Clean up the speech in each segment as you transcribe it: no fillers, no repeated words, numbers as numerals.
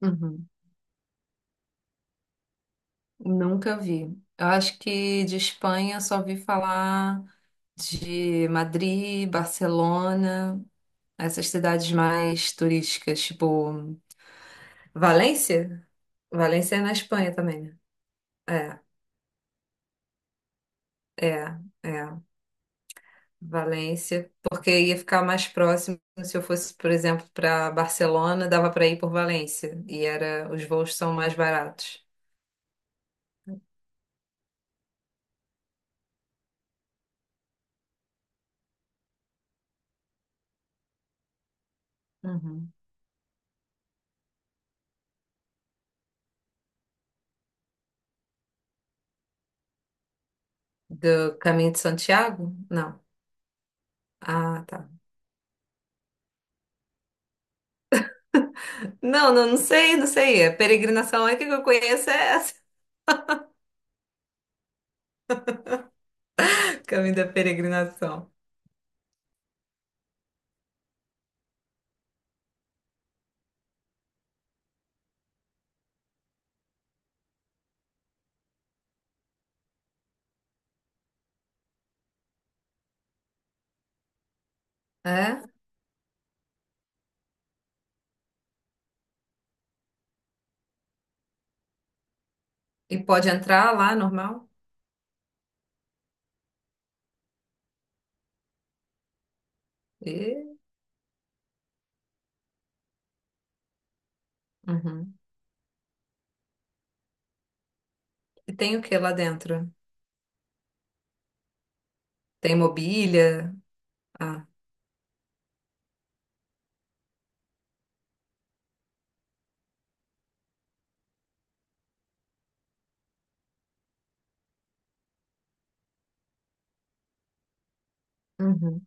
Uhum. Nunca vi. Eu acho que de Espanha só vi falar de Madrid, Barcelona, essas cidades mais turísticas, tipo Valência? Valência é na Espanha também, né? É, é, é. Valência, porque ia ficar mais próximo se eu fosse, por exemplo, para Barcelona, dava para ir por Valência e era os voos são mais baratos. Uhum. Do Caminho de Santiago? Não. Ah, tá. Não, não, não sei, não sei. A peregrinação, a única que eu conheço é essa. Caminho da peregrinação. É? E pode entrar lá, normal? E, uhum. E tem o que lá dentro? Tem mobília? Ah, uhum.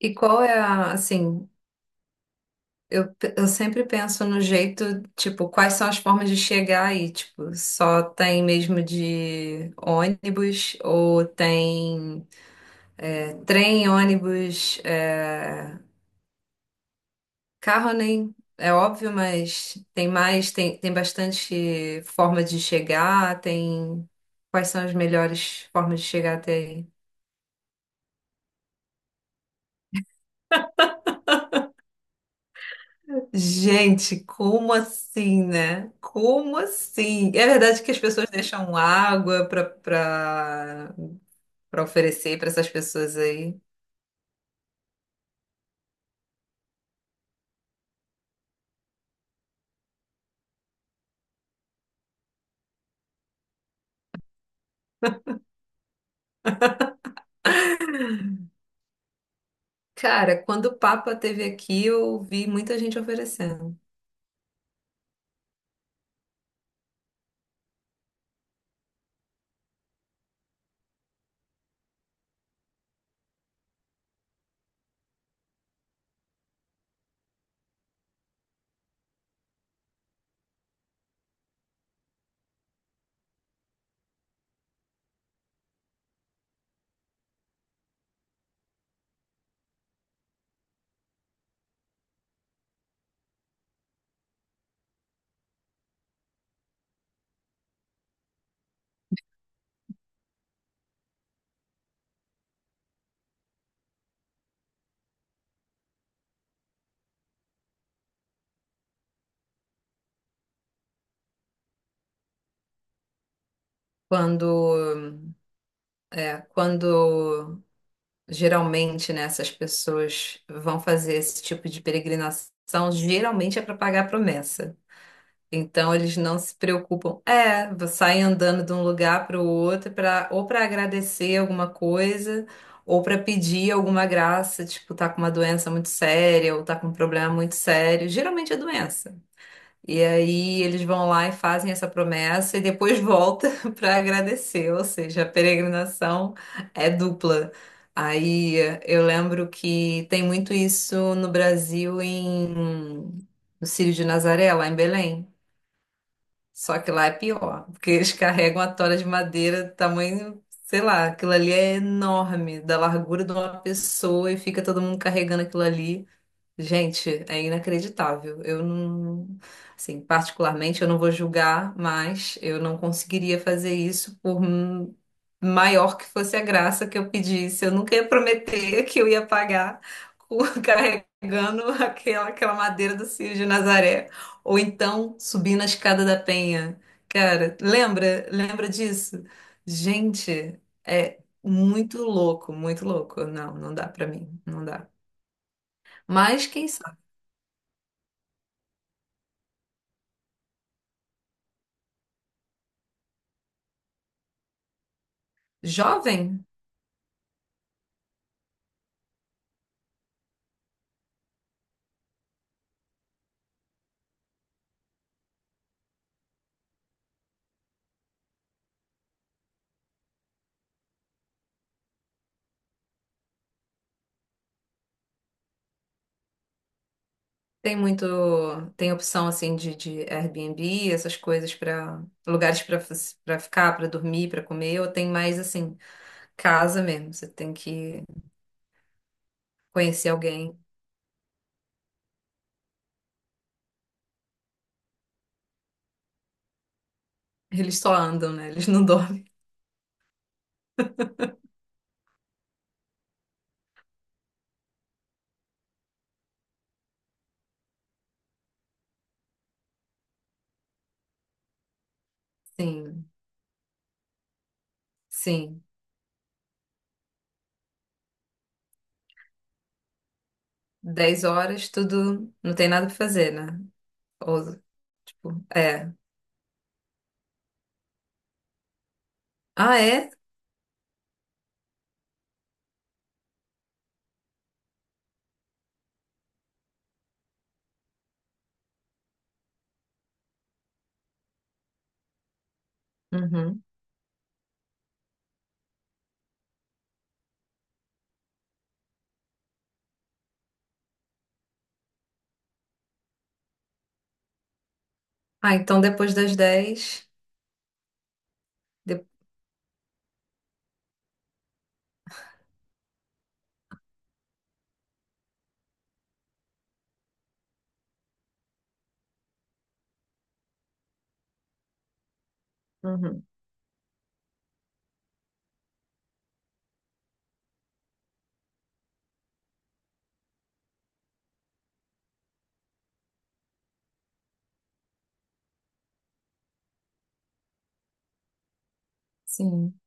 E qual é a, assim, eu, pe- eu sempre penso no jeito, tipo, quais são as formas de chegar aí? Tipo, só tem mesmo de ônibus ou tem trem, ônibus, carro nem é óbvio, mas tem mais, tem bastante forma de chegar, tem quais são as melhores formas de chegar até aí? Gente, como assim, né? Como assim? É verdade que as pessoas deixam água para oferecer para essas pessoas aí. Cara, quando o Papa esteve aqui, eu vi muita gente oferecendo. Quando, é, quando Geralmente, né, essas pessoas vão fazer esse tipo de peregrinação, geralmente é para pagar a promessa. Então, eles não se preocupam. É, saem andando de um lugar para o outro para ou para agradecer alguma coisa, ou para pedir alguma graça, tipo, tá com uma doença muito séria, ou tá com um problema muito sério. Geralmente é doença. E aí eles vão lá e fazem essa promessa e depois volta para agradecer, ou seja, a peregrinação é dupla. Aí eu lembro que tem muito isso no Brasil no Círio de Nazaré, lá em Belém. Só que lá é pior, porque eles carregam a tora de madeira do tamanho, sei lá, aquilo ali é enorme, da largura de uma pessoa e fica todo mundo carregando aquilo ali. Gente, é inacreditável. Eu não, assim, particularmente eu não vou julgar, mas eu não conseguiria fazer isso por maior que fosse a graça que eu pedisse. Eu nunca ia prometer que eu ia pagar carregando aquela madeira do Círio de Nazaré. Ou então subindo a escada da Penha. Cara, lembra? Lembra disso? Gente, é muito louco, muito louco. Não, não dá pra mim, não dá. Mas quem Jovem tem muito, tem opção assim de Airbnb, essas coisas para lugares para ficar, para dormir, para comer, ou tem mais assim, casa mesmo. Você tem que conhecer alguém. Eles só andam, né? Eles não dormem. Sim, sim. 10 horas, tudo, não tem nada para fazer, né? Ou, tipo, é. Ah, é? Uhum. Ah, então depois das 10 de- Uhum. Sim.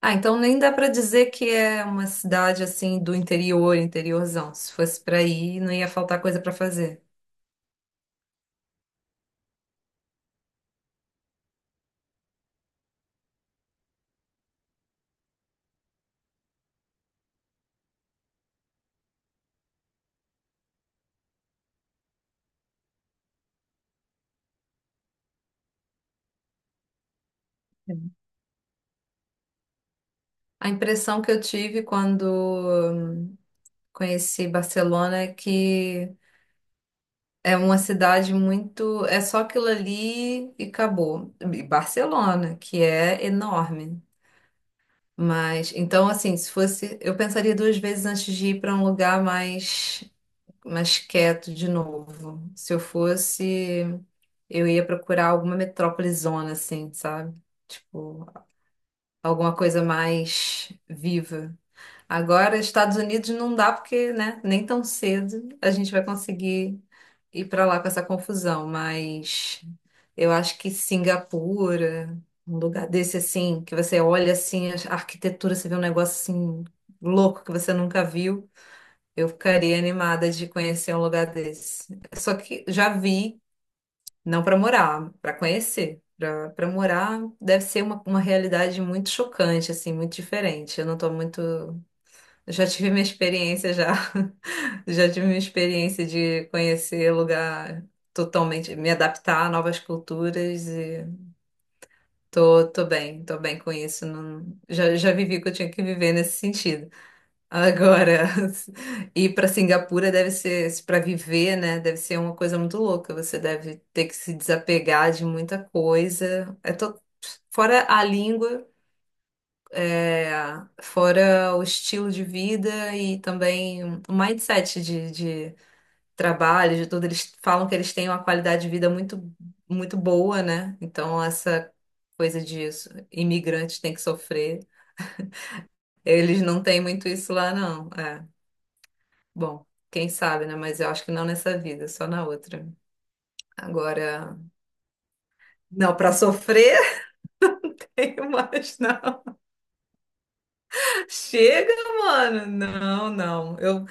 Ah, então nem dá pra dizer que é uma cidade assim do interior, interiorzão. Se fosse pra ir, não ia faltar coisa pra fazer. A impressão que eu tive quando hum, conheci Barcelona é que é uma cidade muito. É só aquilo ali e acabou. E Barcelona, que é enorme. Mas, então, assim, se fosse. Eu pensaria duas vezes antes de ir para um lugar mais, mais quieto de novo. Se eu fosse, eu ia procurar alguma metrópole zona, assim, sabe? Tipo, alguma coisa mais viva. Agora, Estados Unidos não dá porque, né, nem tão cedo a gente vai conseguir ir para lá com essa confusão, mas eu acho que Singapura, um lugar desse assim, que você olha assim, a arquitetura, você vê um negócio assim louco que você nunca viu, eu ficaria animada de conhecer um lugar desse. Só que já vi, não para morar, para conhecer. Para morar deve ser uma realidade muito chocante, assim, muito diferente. Eu não estou muito eu já tive minha experiência já. Já tive minha experiência de conhecer lugar totalmente, me adaptar a novas culturas e tô bem, tô bem com isso. Não, já, já vivi o que eu tinha que viver nesse sentido. Agora, ir para Singapura deve ser, para viver, né? Deve ser uma coisa muito louca. Você deve ter que se desapegar de muita coisa. Fora a língua. É, fora o estilo de vida e também o mindset de trabalho, de tudo, eles falam que eles têm uma qualidade de vida muito, muito boa, né? Então, essa coisa de isso, imigrantes têm que sofrer, eles não têm muito isso lá, não. É, bom, quem sabe, né? Mas eu acho que não nessa vida, só na outra. Agora, não, para sofrer, mas não. Chega, mano. Não, não. Eu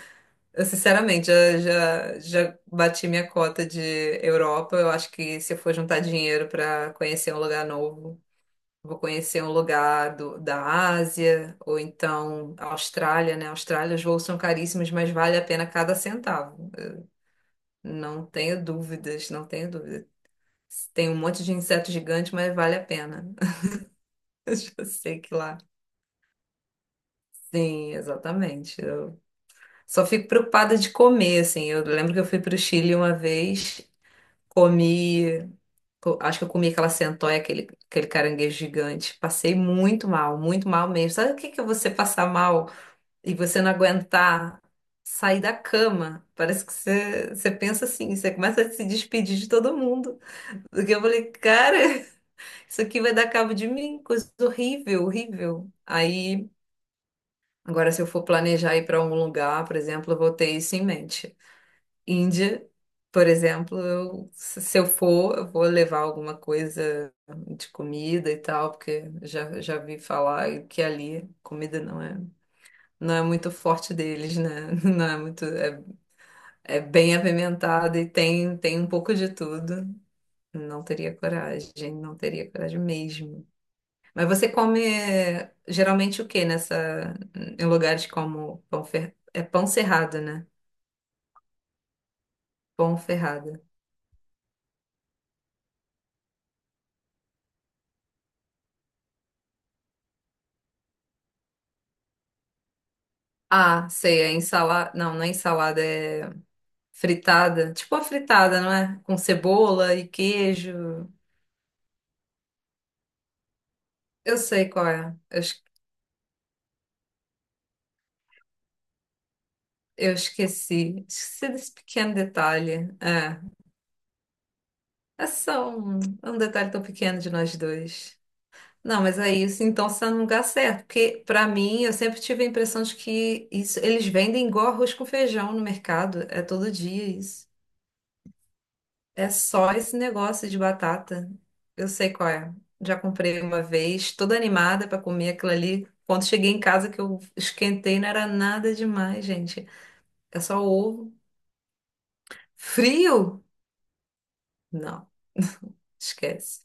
Eu, sinceramente, já bati minha cota de Europa. Eu acho que se eu for juntar dinheiro para conhecer um lugar novo, vou conhecer um lugar da Ásia ou então a Austrália, né? Austrália, os voos são caríssimos, mas vale a pena cada centavo. Eu não tenho dúvidas, não tenho dúvidas. Tem um monte de inseto gigante, mas vale a pena. Eu já sei que lá. Sim, exatamente. Eu só fico preocupada de comer, assim. Eu lembro que eu fui para o Chile uma vez. Comi. Acho que eu comi aquela centoia, aquele caranguejo gigante. Passei muito mal mesmo. Sabe o que que é você passar mal e você não aguentar sair da cama? Parece que você, você pensa assim, você começa a se despedir de todo mundo. Porque eu falei, cara, isso aqui vai dar cabo de mim, coisa horrível, horrível. Aí, agora se eu for planejar ir para algum lugar, por exemplo, eu vou ter isso em mente. Índia, por exemplo, eu, se eu for, eu vou levar alguma coisa de comida e tal, porque já, já vi falar que ali comida não é, não é muito forte deles, né? Não é muito, é, é bem apimentada e tem um pouco de tudo. Não teria coragem, não teria coragem mesmo. Mas você come geralmente o que nessa, em lugares como é pão cerrado, né? Pão ferrado. Ah, sei, é ensalada. Não, não é ensalada, é fritada. Tipo a fritada, não é? Com cebola e queijo. Eu sei qual é. Eu esqueci. Esqueci desse pequeno detalhe. É. É só um, é um detalhe tão pequeno de nós dois. Não, mas é isso. Então você tá no lugar certo. Porque, pra mim, eu sempre tive a impressão de que isso, eles vendem igual arroz com feijão no mercado. É todo dia isso. É só esse negócio de batata. Eu sei qual é. Já comprei uma vez, toda animada pra comer aquilo ali. Quando cheguei em casa que eu esquentei, não era nada demais, gente. É só ovo. Frio? Não, esquece.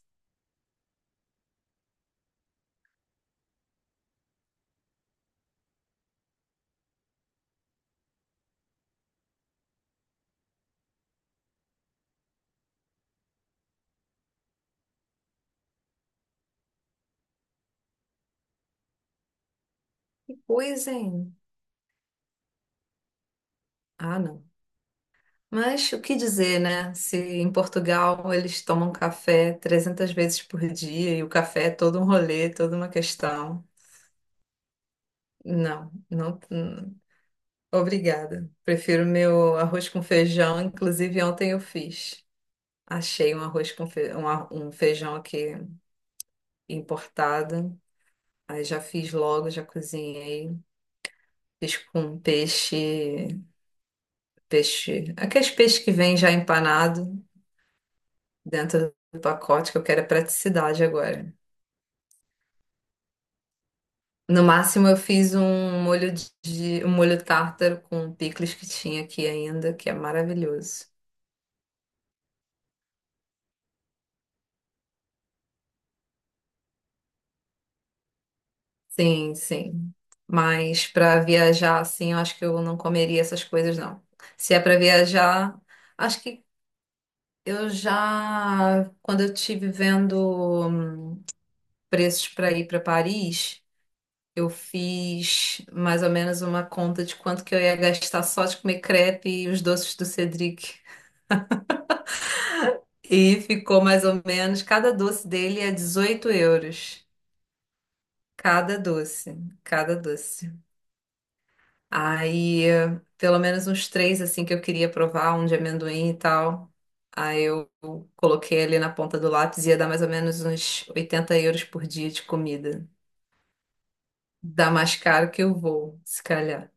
Que coisa, hein? Ah, não. Mas o que dizer, né? Se em Portugal eles tomam café 300 vezes por dia e o café é todo um rolê, toda uma questão. Não, não. Obrigada. Prefiro meu arroz com feijão. Inclusive, ontem eu fiz. Achei um arroz com fe... um ar- um feijão aqui importado. Aí já fiz logo, já cozinhei. Fiz com peixe, aqueles peixes que vem já empanado dentro do pacote, que eu quero é praticidade agora. No máximo, eu fiz um molho de um molho tártaro com picles que tinha aqui ainda, que é maravilhoso. Sim, sim. Mas para viajar assim, eu acho que eu não comeria essas coisas, não. Se é para viajar, acho que eu já, quando eu estive vendo preços para ir para Paris, eu fiz mais ou menos uma conta de quanto que eu ia gastar só de comer crepe e os doces do Cedric. E ficou mais ou menos, cada doce dele é 18 euros. Cada doce, cada doce. Aí, pelo menos uns três, assim, que eu queria provar, um de amendoim e tal. Aí eu coloquei ali na ponta do lápis, ia dar mais ou menos uns 80 euros por dia de comida. Dá mais caro que o voo, se calhar.